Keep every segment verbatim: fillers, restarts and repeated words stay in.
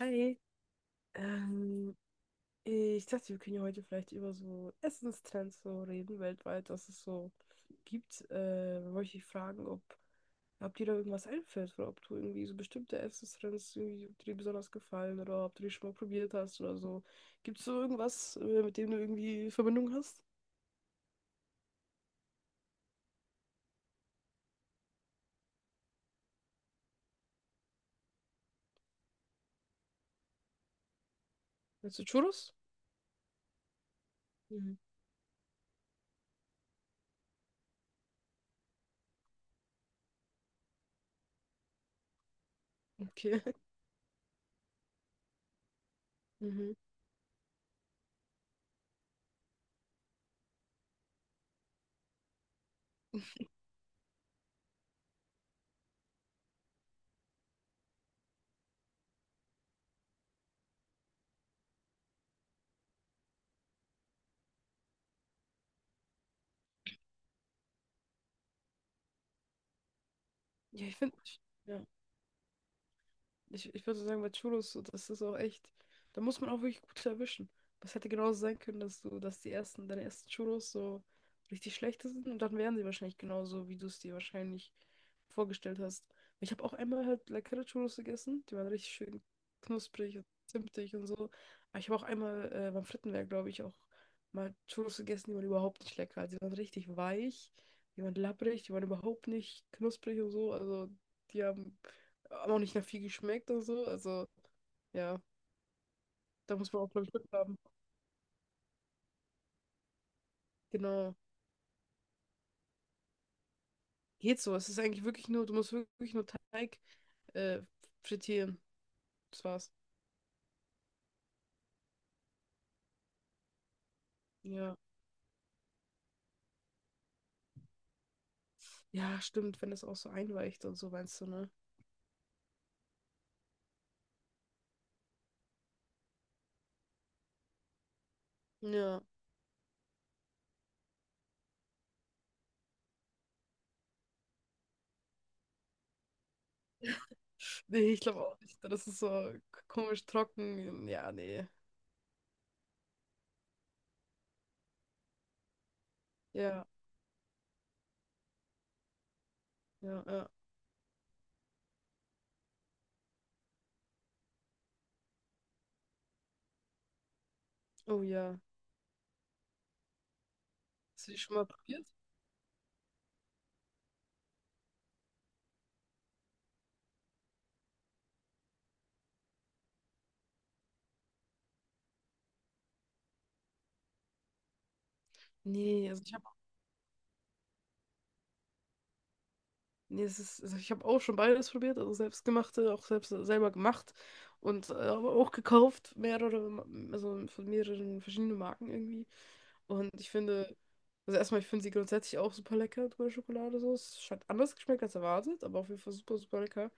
Hi, ähm, ich dachte, wir können ja heute vielleicht über so Essenstrends so reden, weltweit, was es so gibt. Äh, wollte ich dich fragen, ob, ob dir da irgendwas einfällt oder ob du irgendwie so bestimmte Essenstrends irgendwie, ob dir die besonders gefallen oder ob du die schon mal probiert hast oder so. Gibt es so irgendwas, äh, mit dem du irgendwie Verbindung hast? Meinst du Churros? Mhm. Okay. Mhm. Ja, ich finde, ja. Ich, ich würde sagen, bei Cholos, so, das ist auch echt, da muss man auch wirklich gut erwischen. Es hätte genauso sein können, dass du, dass die ersten, deine ersten Cholos so richtig schlechte sind und dann wären sie wahrscheinlich genauso, wie du es dir wahrscheinlich vorgestellt hast. Ich habe auch einmal halt leckere Cholos gegessen, die waren richtig schön knusprig und zimtig und so. Aber ich habe auch einmal äh, beim Frittenwerk, glaube ich, auch mal Cholos gegessen, die waren überhaupt nicht lecker. Also die waren richtig weich, die waren labbrig, die waren überhaupt nicht knusprig und so. Also die haben aber auch nicht nach viel geschmeckt oder so. Also, ja, da muss man auch, glaube ich, Glück haben. Genau. Geht so. Es ist eigentlich wirklich nur, du musst wirklich nur Teig äh, frittieren. Das war's. Ja. Ja, stimmt, wenn das auch so einweicht und so, meinst du, ne? Ja. Nee, ich glaube auch nicht. Das ist so komisch trocken. Ja, nee. Ja, ja, ja. Oh ja. Hast du die schon mal probiert? Nee, also ich habe Nee, es ist, also ich habe auch schon beides probiert, also selbstgemachte, auch selbst selber gemacht und äh, aber auch gekauft, mehrere, Ma- also von mehreren verschiedenen Marken irgendwie. Und ich finde, also erstmal, ich finde sie grundsätzlich auch super lecker, dunkle Schokolade so. Es hat anders geschmeckt als erwartet, aber auf jeden Fall super, super lecker.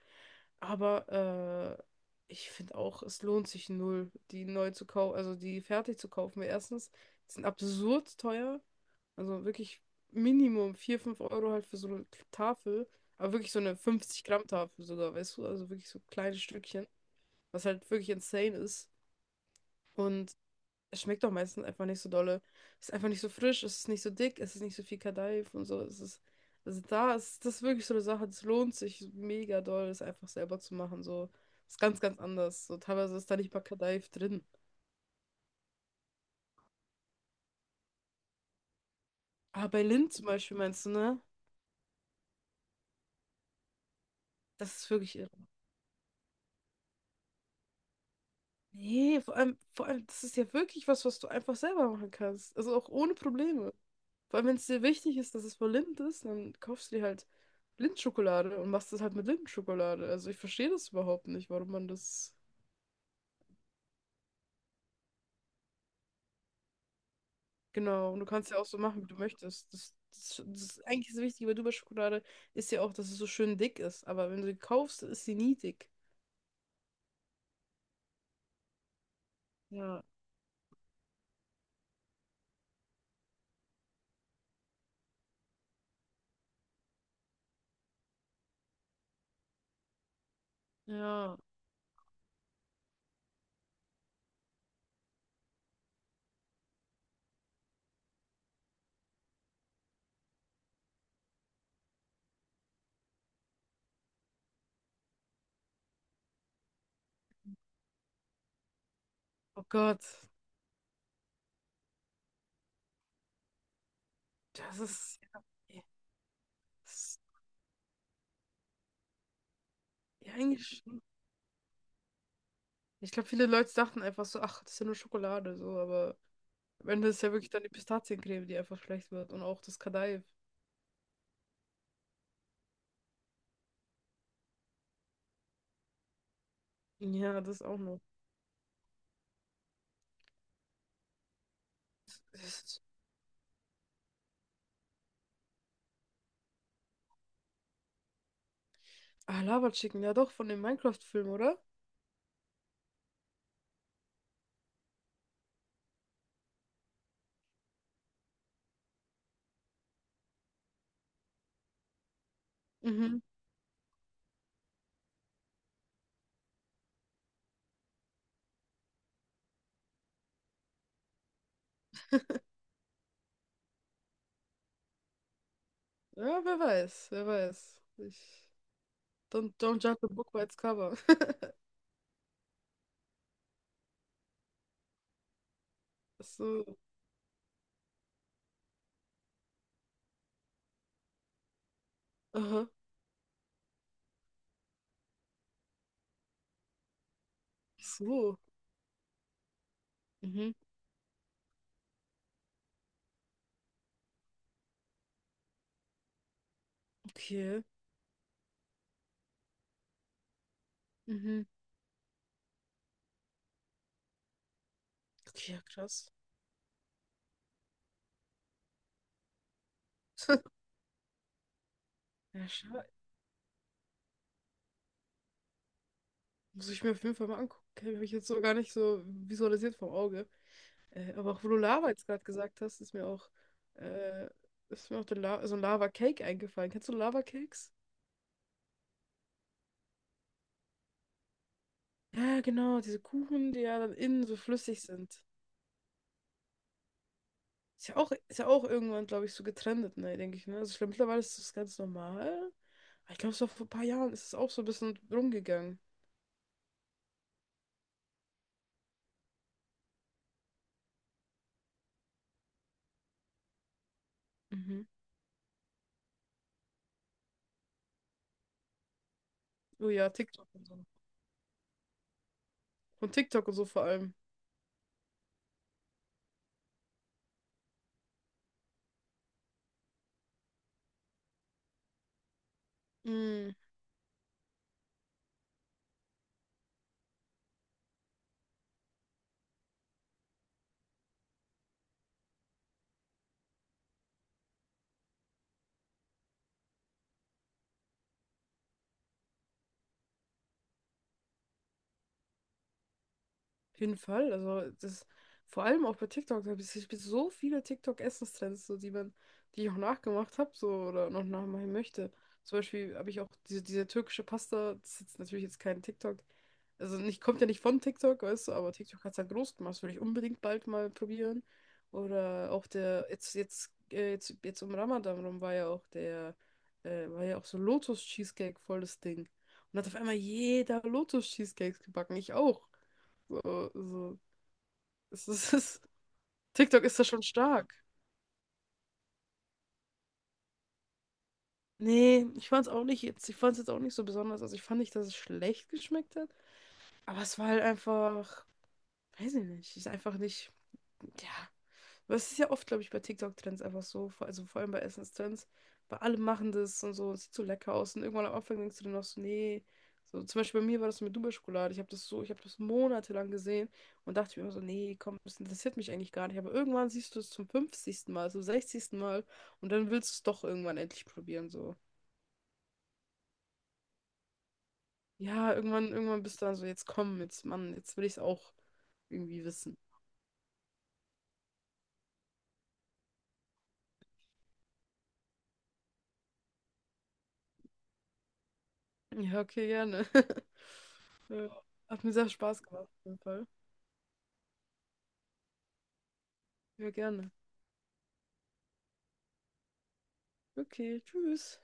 Aber äh, ich finde auch, es lohnt sich null, die neu zu kaufen, also die fertig zu kaufen. Weil erstens, die sind absurd teuer. Also wirklich Minimum vier fünf Euro halt für so eine Tafel. Aber wirklich so eine fünfzig Gramm Tafel sogar, weißt du? Also wirklich so kleine Stückchen, was halt wirklich insane ist. Und es schmeckt auch meistens einfach nicht so dolle. Es ist einfach nicht so frisch, es ist nicht so dick, es ist nicht so viel Kadaif und so. Es ist, also da ist das ist wirklich so eine Sache, das lohnt sich mega doll, das einfach selber zu machen. So, ist ganz, ganz anders. So, teilweise ist da nicht mal Kadaif drin. Aber bei Lind zum Beispiel meinst du, ne? Das ist wirklich irre. Nee, vor allem, vor allem, das ist ja wirklich was, was du einfach selber machen kannst. Also auch ohne Probleme. Vor allem, wenn es dir wichtig ist, dass es voll Lind ist, dann kaufst du dir halt Lindschokolade und machst das halt mit Lindschokolade. Also ich verstehe das überhaupt nicht, warum man das. Genau, und du kannst ja auch so machen, wie du möchtest. Das, das, das ist eigentlich das Wichtige bei Dubai-Schokolade ist ja auch, dass es so schön dick ist. Aber wenn du sie kaufst, ist sie nie dick. Ja, ja. Oh Gott. Das ist. Ja, das ist ja eigentlich. Ich glaube, viele Leute dachten einfach so, ach, das ist ja nur Schokolade, so, aber am Ende ist ja wirklich dann die Pistaziencreme, die einfach schlecht wird und auch das Kadaif. Ja, das auch noch. Das ist- Ah, Lava Chicken, ja doch, von dem Minecraft-Film, oder? Mhm. Ja, wer weiß, wer weiß. Ich... Don't, don't judge a book by its cover. Ach so. Aha. Ach so. Mhm. Okay. Mhm. Okay, ja, krass. Ja, schade. Muss ich mir auf jeden Fall mal angucken. Habe ich jetzt so gar nicht so visualisiert vom Auge. Äh, aber auch wo du Lava jetzt gerade gesagt hast, ist mir auch, äh, ist mir auch der La so ein Lava-Cake eingefallen. Kennst du Lava-Cakes? Ja, genau, diese Kuchen, die ja dann innen so flüssig sind. Ist ja auch, ist ja auch irgendwann, glaube ich, so getrendet, ne, denke ich, ne? Also ich glaube, mittlerweile ist das ganz normal. Aber ich glaube, so vor ein paar Jahren ist es auch so ein bisschen rumgegangen. Mhm. Oh ja, TikTok und so. Von TikTok und so vor allem. Mm. Auf jeden Fall. Also das, vor allem auch bei TikTok, da habe ich, ich hab so viele TikTok-Essenstrends, so die man, die ich auch nachgemacht habe, so oder noch nachmachen möchte. Zum Beispiel habe ich auch diese, diese türkische Pasta, das ist jetzt natürlich jetzt kein TikTok. Also nicht, kommt ja nicht von TikTok, weißt du, aber TikTok hat es halt groß gemacht. Das würde ich unbedingt bald mal probieren. Oder auch der, jetzt, jetzt, äh, jetzt, jetzt um Ramadan rum war ja auch der, äh, war ja auch so Lotus-Cheesecake voll das Ding. Und hat auf einmal jeder Lotus-Cheesecakes gebacken. Ich auch. So, so. Es ist, es ist, TikTok ist da schon stark. Nee, ich fand's auch nicht jetzt. Ich fand's jetzt auch nicht so besonders. Also ich fand nicht, dass es schlecht geschmeckt hat. Aber es war halt einfach, weiß ich nicht, ist einfach nicht. Ja. Aber es ist ja oft, glaube ich, bei TikTok-Trends einfach so, vor- also vor allem bei Essenstrends, weil alle machen das und so, es sieht so lecker aus und irgendwann am Anfang denkst du dann noch so, nee. So, zum Beispiel bei mir war das mit Dubai-Schokolade. Ich habe das so, ich habe das monatelang gesehen und dachte mir immer so, nee, komm, das interessiert mich eigentlich gar nicht. Aber irgendwann siehst du es zum fünfzigsten Mal, zum sechzigsten Mal und dann willst du es doch irgendwann endlich probieren, so. Ja, irgendwann, irgendwann bist du dann so, jetzt komm, jetzt, Mann, jetzt will ich es auch irgendwie wissen. Ja, okay, gerne. Ja, hat mir sehr Spaß gemacht, auf jeden Fall. Ja, gerne. Okay, tschüss.